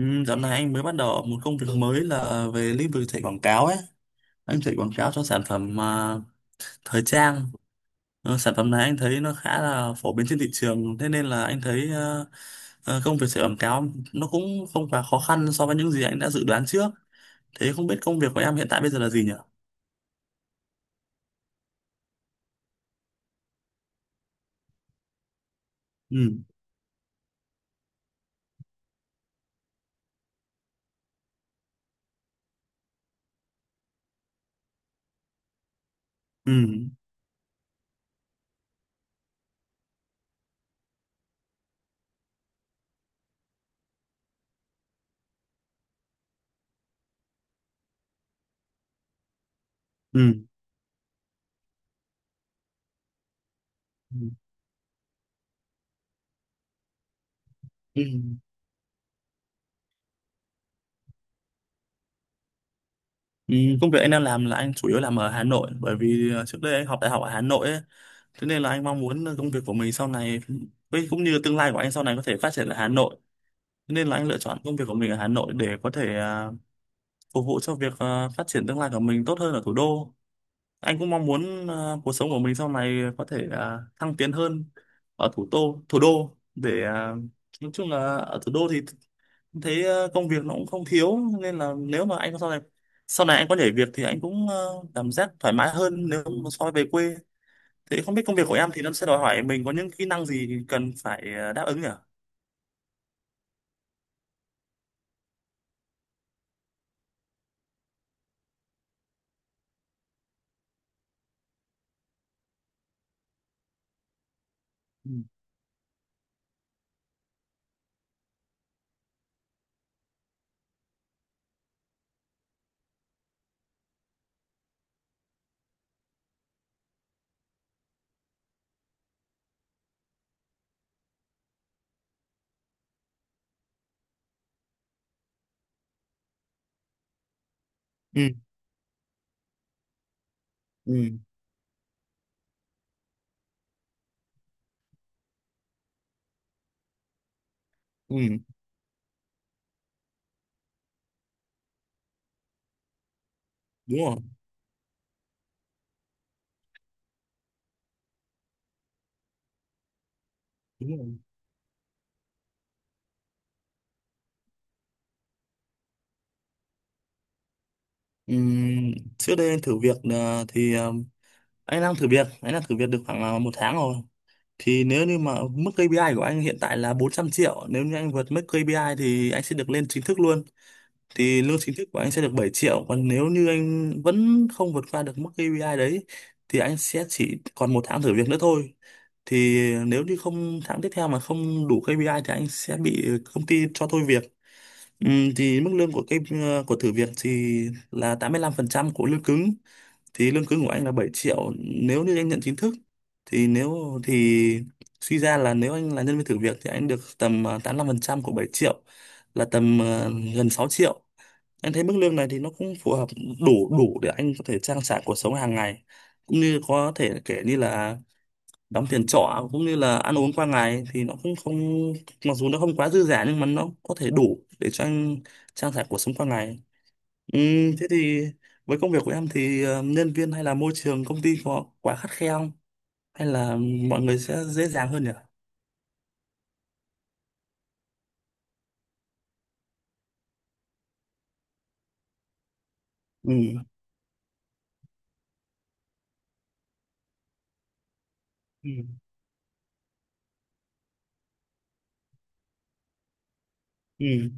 Ừ, dạo này anh mới bắt đầu một công việc mới là về lĩnh vực chạy quảng cáo ấy. Anh chạy quảng cáo cho sản phẩm thời trang. Sản phẩm này anh thấy nó khá là phổ biến trên thị trường. Thế nên là anh thấy công việc chạy quảng cáo nó cũng không quá khó khăn so với những gì anh đã dự đoán trước. Thế không biết công việc của em hiện tại bây giờ là gì nhỉ? Ừ, ừ, ừ, ừ. Ừ. Ừ, công việc anh đang làm là anh chủ yếu làm ở Hà Nội, bởi vì trước đây anh học đại học ở Hà Nội ấy, thế nên là anh mong muốn công việc của mình sau này, với cũng như tương lai của anh sau này có thể phát triển ở Hà Nội. Thế nên là anh lựa chọn công việc của mình ở Hà Nội để có thể phục vụ cho việc phát triển tương lai của mình tốt hơn ở thủ đô. Anh cũng mong muốn cuộc sống của mình sau này có thể thăng tiến hơn ở thủ đô để nói chung là ở thủ đô thì thấy công việc nó cũng không thiếu, nên là nếu mà anh sau này anh có nhảy việc thì anh cũng cảm giác thoải mái hơn nếu mà so với về quê. Thế không biết công việc của em thì nó sẽ đòi hỏi mình có những kỹ năng gì cần phải đáp ứng nhỉ? Ừ. Ừ. Ừ. Ừ, đúng rồi, đúng rồi. Ừm, Trước đây anh thử việc thì anh đang thử việc được khoảng 1 tháng rồi, thì nếu như mà mức KPI của anh hiện tại là 400 triệu, nếu như anh vượt mức KPI thì anh sẽ được lên chính thức luôn. Thì lương chính thức của anh sẽ được 7 triệu, còn nếu như anh vẫn không vượt qua được mức KPI đấy thì anh sẽ chỉ còn 1 tháng thử việc nữa thôi. Thì nếu như không, tháng tiếp theo mà không đủ KPI thì anh sẽ bị công ty cho thôi việc. Thì mức lương của cái của thử việc thì là 85% của lương cứng. Thì lương cứng của anh là 7 triệu nếu như anh nhận chính thức, thì nếu thì suy ra là nếu anh là nhân viên thử việc thì anh được tầm 85% của 7 triệu, là tầm gần 6 triệu. Anh thấy mức lương này thì nó cũng phù hợp, đủ đủ để anh có thể trang trải cuộc sống hàng ngày, cũng như có thể kể như là đóng tiền trọ cũng như là ăn uống qua ngày, thì nó cũng không mặc dù nó không quá dư dả nhưng mà nó có thể đủ để cho anh trang trải cuộc sống qua ngày. Thế thì với công việc của em thì nhân viên hay là môi trường công ty có quá khắt khe không, hay là mọi người sẽ dễ dàng hơn nhỉ? Ừ. Ừ. Ừ.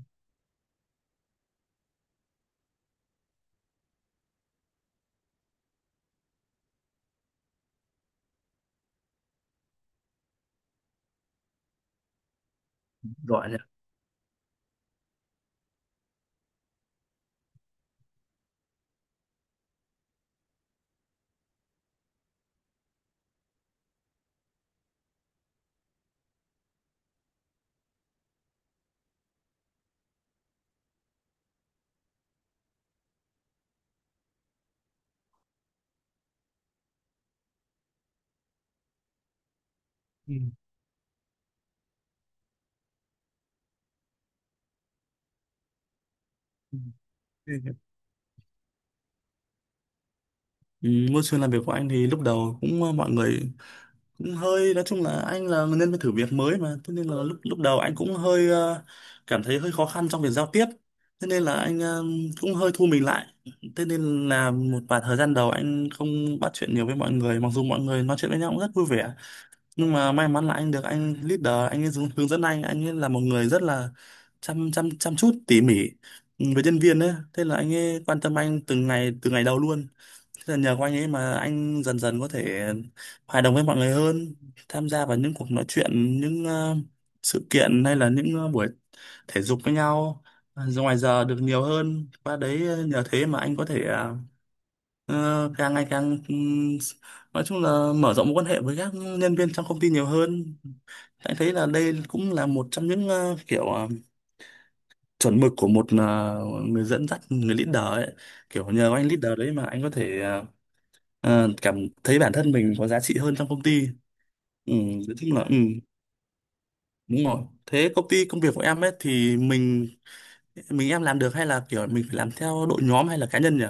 Gọi nhỉ? Ừ. Ừ. Ừ, môi trường làm việc của anh thì lúc đầu cũng mọi người cũng hơi, nói chung là anh là nên phải thử việc mới mà, thế nên là lúc lúc đầu anh cũng hơi cảm thấy hơi khó khăn trong việc giao tiếp, thế nên là anh cũng hơi thu mình lại, thế nên là một vài thời gian đầu anh không bắt chuyện nhiều với mọi người, mặc dù mọi người nói chuyện với nhau cũng rất vui vẻ. Nhưng mà may mắn là anh được anh leader, anh ấy hướng hướng dẫn anh ấy là một người rất là chăm chăm chăm chút tỉ mỉ với nhân viên ấy, thế là anh ấy quan tâm anh từng ngày, từ ngày đầu luôn. Thế là nhờ có anh ấy mà anh dần dần có thể hòa đồng với mọi người hơn, tham gia vào những cuộc nói chuyện, những sự kiện hay là những buổi thể dục với nhau, ra ngoài giờ được nhiều hơn. Qua đấy nhờ thế mà anh có thể càng ngày càng nói chung là mở rộng mối quan hệ với các nhân viên trong công ty nhiều hơn. Anh thấy là đây cũng là một trong những kiểu chuẩn mực của một người dẫn dắt, người leader ấy, kiểu nhờ anh leader đấy mà anh có thể cảm thấy bản thân mình có giá trị hơn trong công ty. Ừ, nói chung là, ừ, đúng rồi. Thế công việc của em ấy thì mình em làm được hay là kiểu mình phải làm theo đội nhóm hay là cá nhân nhỉ?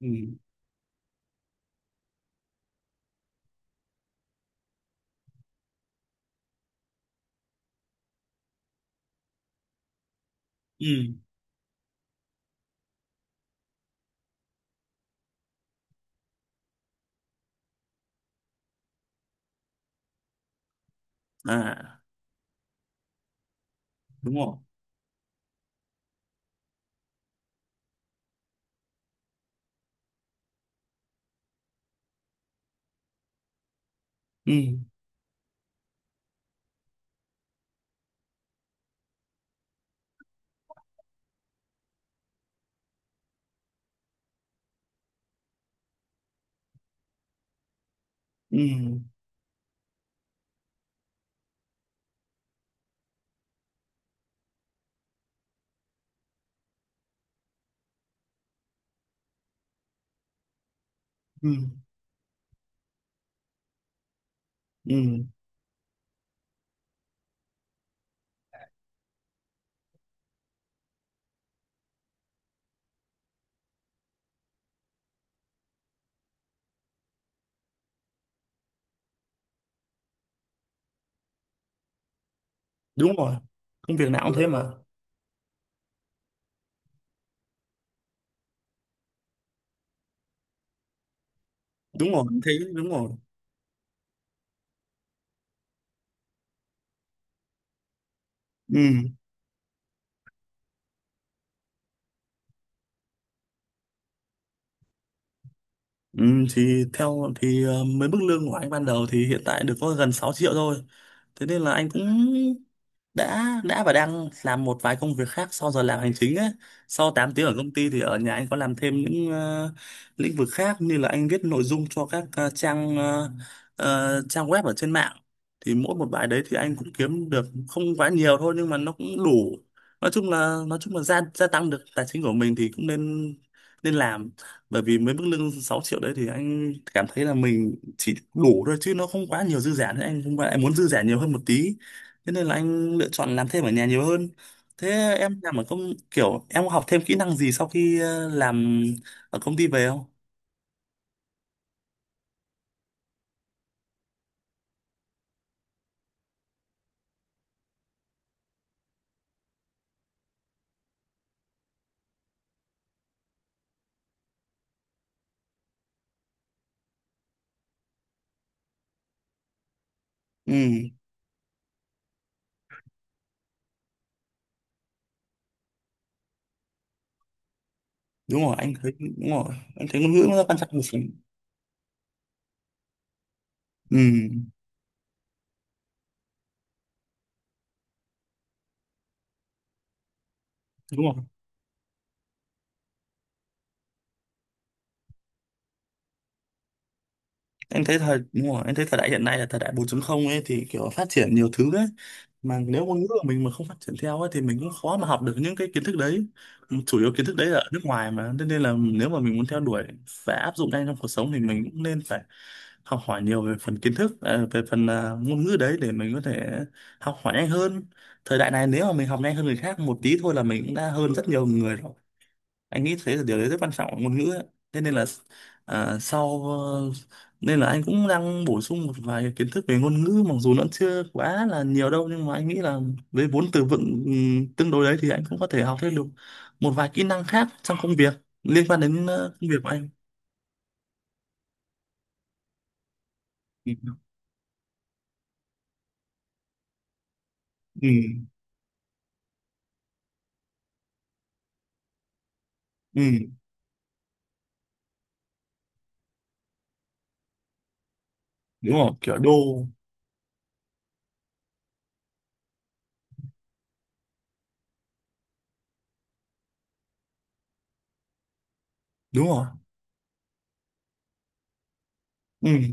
Ừ. Ừ. À, đúng rồi. Ừ. Ừ. Ừ. Ừ, đúng rồi. Công việc nào cũng, thế mà. Đúng rồi, thế đúng rồi. Ừ. Ừ, thì theo thì mấy mức lương của anh ban đầu thì hiện tại được có gần 6 triệu thôi. Thế nên là anh cũng đã và đang làm một vài công việc khác sau giờ làm hành chính ấy. Sau 8 tiếng ở công ty thì ở nhà anh có làm thêm những lĩnh vực khác, như là anh viết nội dung cho các trang web ở trên mạng. Thì mỗi một bài đấy thì anh cũng kiếm được không quá nhiều thôi, nhưng mà nó cũng đủ. Nói chung là gia gia tăng được tài chính của mình thì cũng nên nên làm, bởi vì với mức lương 6 triệu đấy thì anh cảm thấy là mình chỉ đủ thôi chứ nó không quá nhiều dư giả nữa, anh không phải, anh muốn dư giả nhiều hơn một tí, thế nên là anh lựa chọn làm thêm ở nhà nhiều hơn. Thế em làm ở công kiểu em có học thêm kỹ năng gì sau khi làm ở công ty về không? Ừ, đúng rồi, anh thấy ngôn ngữ nó quan trọng một phần. Ừ, đúng rồi, em thấy thời đúng rồi, em thấy thời đại hiện nay là thời đại 4 không ấy, thì kiểu phát triển nhiều thứ đấy, mà nếu ngôn ngữ của mình mà không phát triển theo ấy thì mình cũng khó mà học được những cái kiến thức đấy, chủ yếu kiến thức đấy là ở nước ngoài mà. Thế nên là nếu mà mình muốn theo đuổi và áp dụng ngay trong cuộc sống thì mình cũng nên phải học hỏi nhiều về phần kiến thức, về phần ngôn ngữ đấy, để mình có thể học hỏi nhanh hơn. Thời đại này nếu mà mình học nhanh hơn người khác một tí thôi là mình cũng đã hơn rất nhiều người rồi, anh nghĩ thế là điều đấy rất quan trọng ở ngôn ngữ ấy. Thế nên là à, sau ờ, nên là anh cũng đang bổ sung một vài kiến thức về ngôn ngữ, mặc dù nó chưa quá là nhiều đâu, nhưng mà anh nghĩ là với vốn từ vựng tương đối đấy thì anh cũng có thể học thêm được một vài kỹ năng khác trong công việc liên quan đến công việc của anh. Ừ. Ừ. Ừ, đúng rồi, kiểu đô đúng rồi. Ừ.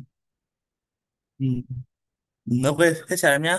Ừ. OK. Thế chào em nhé.